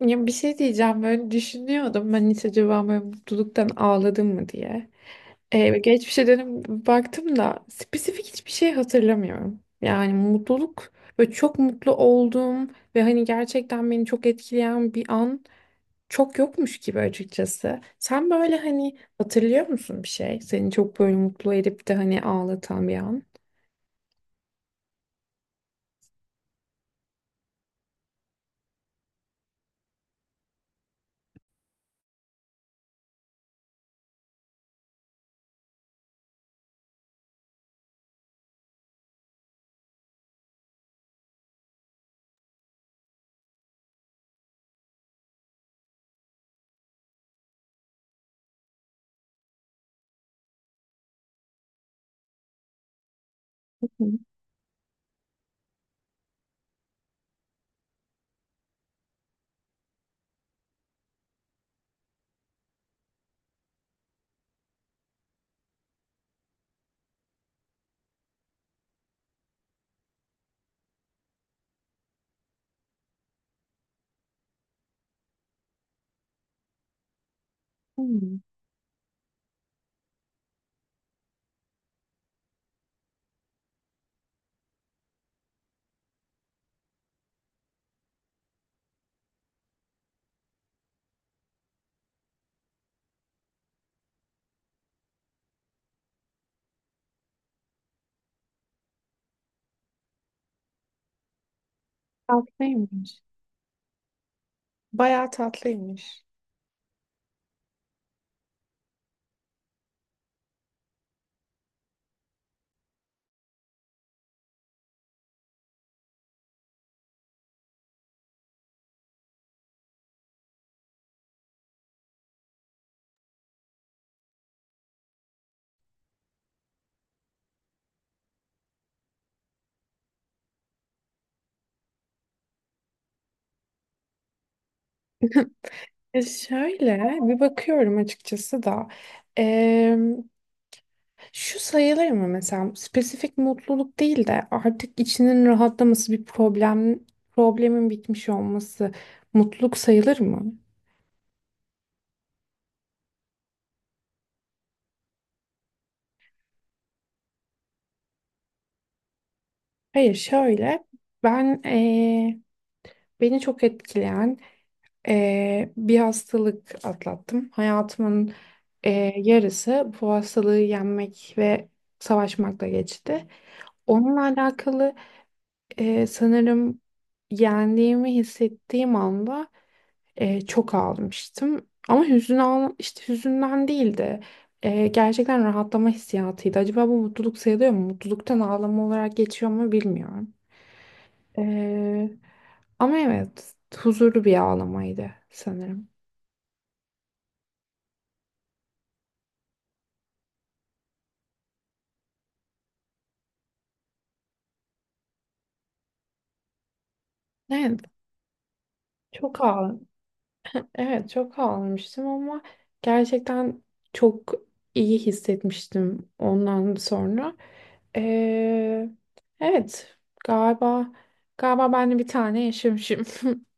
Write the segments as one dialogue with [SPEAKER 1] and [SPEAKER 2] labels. [SPEAKER 1] Ya bir şey diyeceğim böyle düşünüyordum ben hiç acaba böyle mutluluktan ağladım mı diye. Geçmişe dönüp baktım da spesifik hiçbir şey hatırlamıyorum. Yani mutluluk ve çok mutlu olduğum ve hani gerçekten beni çok etkileyen bir an çok yokmuş gibi açıkçası. Sen böyle hani hatırlıyor musun bir şey? Seni çok böyle mutlu edip de hani ağlatan bir an? Hı, hmm, tatlıymış. Bayağı tatlıymış. E şöyle bir bakıyorum açıkçası da. Şu sayılır mı mesela spesifik mutluluk değil de artık içinin rahatlaması bir problem problemin bitmiş olması mutluluk sayılır mı? Hayır şöyle ben beni çok etkileyen bir hastalık atlattım. Hayatımın yarısı bu hastalığı yenmek ve savaşmakla geçti. Onunla alakalı sanırım yendiğimi hissettiğim anda çok ağlamıştım. Ama hüzün ağla işte hüzünden değil de gerçekten rahatlama hissiyatıydı. Acaba bu mutluluk sayılıyor mu? Mutluluktan ağlama olarak geçiyor mu bilmiyorum. E, Ama evet huzurlu bir ağlamaydı sanırım. Evet çok ağladım. Evet çok ağlamıştım ama gerçekten çok iyi hissetmiştim ondan sonra. E, evet galiba galiba ben de bir tane yaşamışım.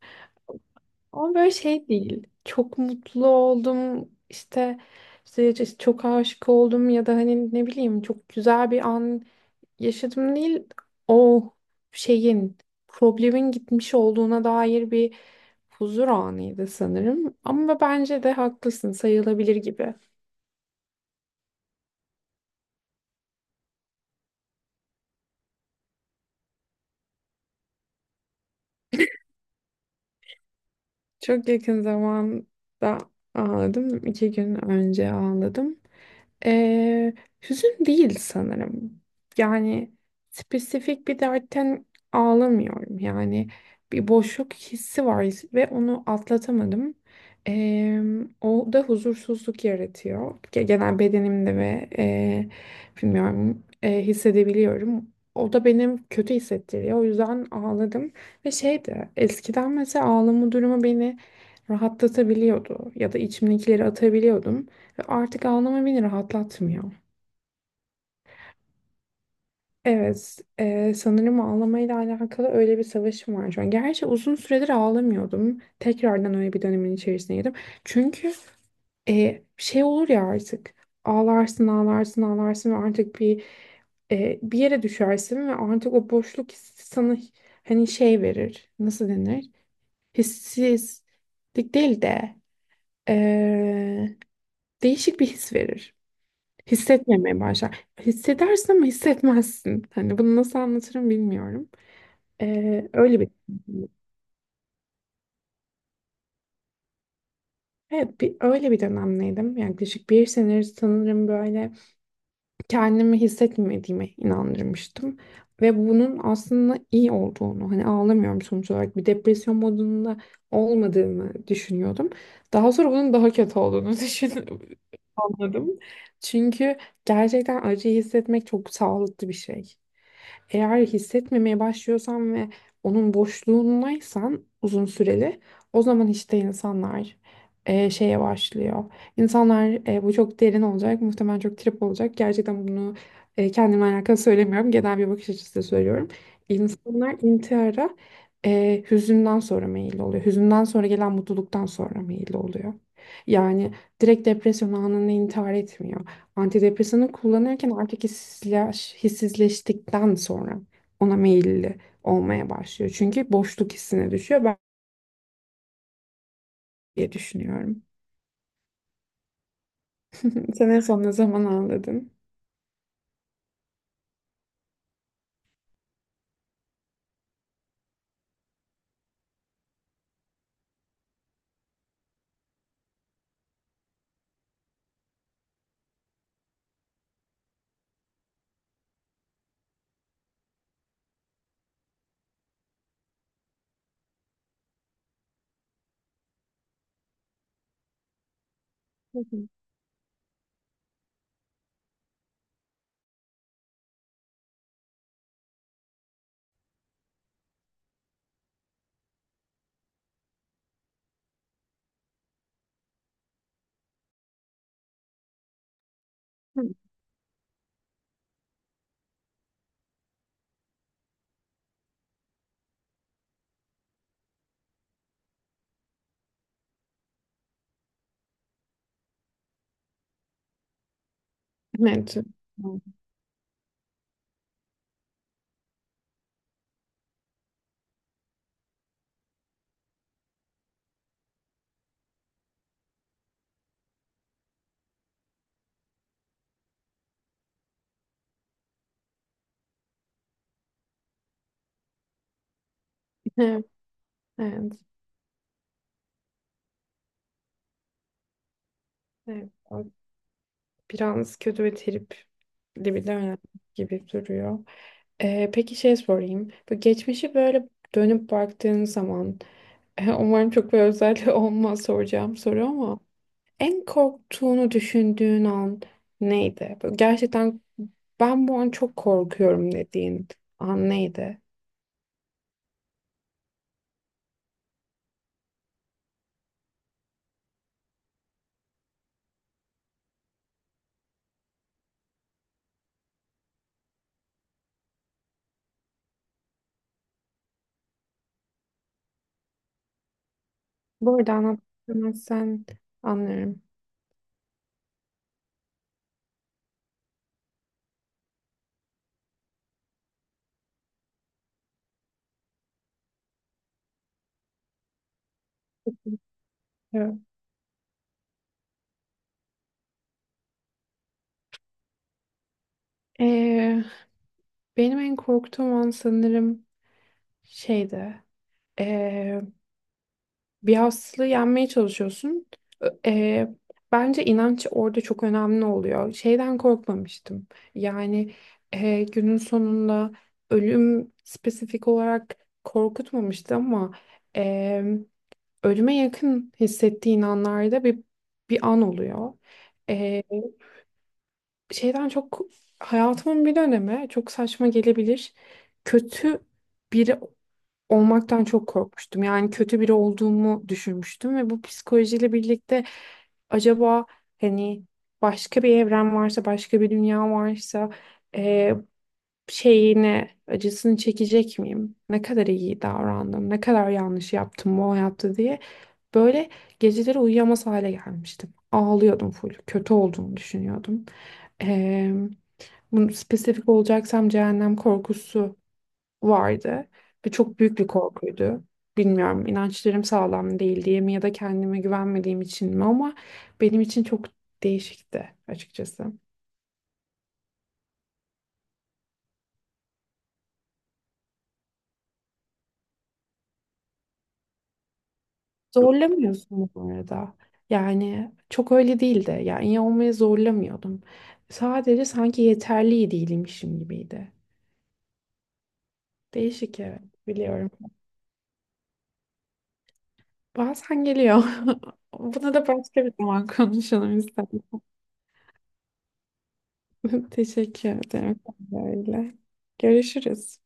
[SPEAKER 1] Ama böyle şey değil. Çok mutlu oldum. İşte işte çok aşık oldum ya da hani ne bileyim çok güzel bir an yaşadım değil o şeyin problemin gitmiş olduğuna dair bir huzur anıydı sanırım. Ama bence de haklısın sayılabilir gibi. Çok yakın zamanda ağladım. İki gün önce ağladım. Ee, Hüzün değil sanırım. Yani spesifik bir dertten ağlamıyorum. Yani bir boşluk hissi var ve onu atlatamadım. Ee, O da huzursuzluk yaratıyor. Genel bedenimde ve bilmiyorum hissedebiliyorum. O da benim kötü hissettiriyor. O yüzden ağladım. Ve şeydi eskiden mesela ağlama durumu beni rahatlatabiliyordu. Ya da içimdekileri atabiliyordum. Ve artık ağlama beni rahatlatmıyor. Evet, sanırım ağlamayla alakalı öyle bir savaşım var şu an. Gerçi uzun süredir ağlamıyordum. Tekrardan öyle bir dönemin içerisine girdim. Çünkü şey olur ya artık ağlarsın ağlarsın ağlarsın ve artık bir yere düşersin ve artık o boşluk hissi sana hani şey verir nasıl denir hissizlik değil de e, değişik bir his verir. Hissetmemeye başlar. Hissedersin ama hissetmezsin. Hani bunu nasıl anlatırım bilmiyorum. Öyle bir Evet öyle bir dönemdeydim. Yani yaklaşık bir senedir sanırım böyle kendimi hissetmediğime inandırmıştım. Ve bunun aslında iyi olduğunu, hani ağlamıyorum sonuç olarak bir depresyon modunda olmadığımı düşünüyordum. Daha sonra bunun daha kötü olduğunu anladım. Çünkü gerçekten acıyı hissetmek çok sağlıklı bir şey. Eğer hissetmemeye başlıyorsan ve onun boşluğundaysan uzun süreli, o zaman işte insanlar şeye başlıyor. İnsanlar bu çok derin olacak, muhtemelen çok trip olacak. Gerçekten bunu kendimle alakalı söylemiyorum. Genel bir bakış açısıyla söylüyorum. İnsanlar intihara hüzünden sonra meyilli oluyor. Hüzünden sonra gelen mutluluktan sonra meyilli oluyor. Yani direkt depresyon anında intihar etmiyor. Antidepresanı kullanırken artık hissizleştikten sonra ona meyilli olmaya başlıyor. Çünkü boşluk hissine düşüyor ben diye düşünüyorum. Sen en son ne zaman ağladın? Hı hı. Evet. Evet. Evet. Evet. O biraz kötü ve tripli bir dönem gibi duruyor. Peki şey sorayım. Bu geçmişi böyle dönüp baktığın zaman umarım çok bir özel olmaz soracağım soru ama en korktuğunu düşündüğün an neydi? Böyle gerçekten ben bu an çok korkuyorum dediğin an neydi? Bu arada anlatmazsan anlarım. Evet. Ee, Benim en korktuğum an sanırım şeydi. Ee, Bir hastalığı yenmeye çalışıyorsun. Ö- e, Bence inanç orada çok önemli oluyor. Şeyden korkmamıştım. Yani günün sonunda ölüm spesifik olarak korkutmamıştı ama e, ölüme yakın hissettiğin anlarda bir an oluyor. E, Şeyden çok hayatımın bir dönemi çok saçma gelebilir. Kötü biri olmaktan çok korkmuştum. Yani kötü biri olduğumu düşünmüştüm ve bu psikolojiyle birlikte acaba hani başka bir evren varsa, başka bir dünya varsa e, şeyini, acısını çekecek miyim? Ne kadar iyi davrandım, ne kadar yanlış yaptım bu hayatta diye böyle geceleri uyuyamaz hale gelmiştim. Ağlıyordum full, kötü olduğumu düşünüyordum. E, Bunu spesifik olacaksam cehennem korkusu vardı ve çok büyük bir korkuydu. Bilmiyorum inançlarım sağlam değil diye mi ya da kendime güvenmediğim için mi ama benim için çok değişikti açıkçası. Zorlamıyorsun bu arada. Yani çok öyle değildi. Yani iyi olmaya zorlamıyordum. Sadece sanki yeterli değilmişim gibiydi. Değişik, evet, biliyorum. Bazen geliyor. Buna da başka bir zaman konuşalım istedim. Teşekkür ederim. Öyle. Görüşürüz.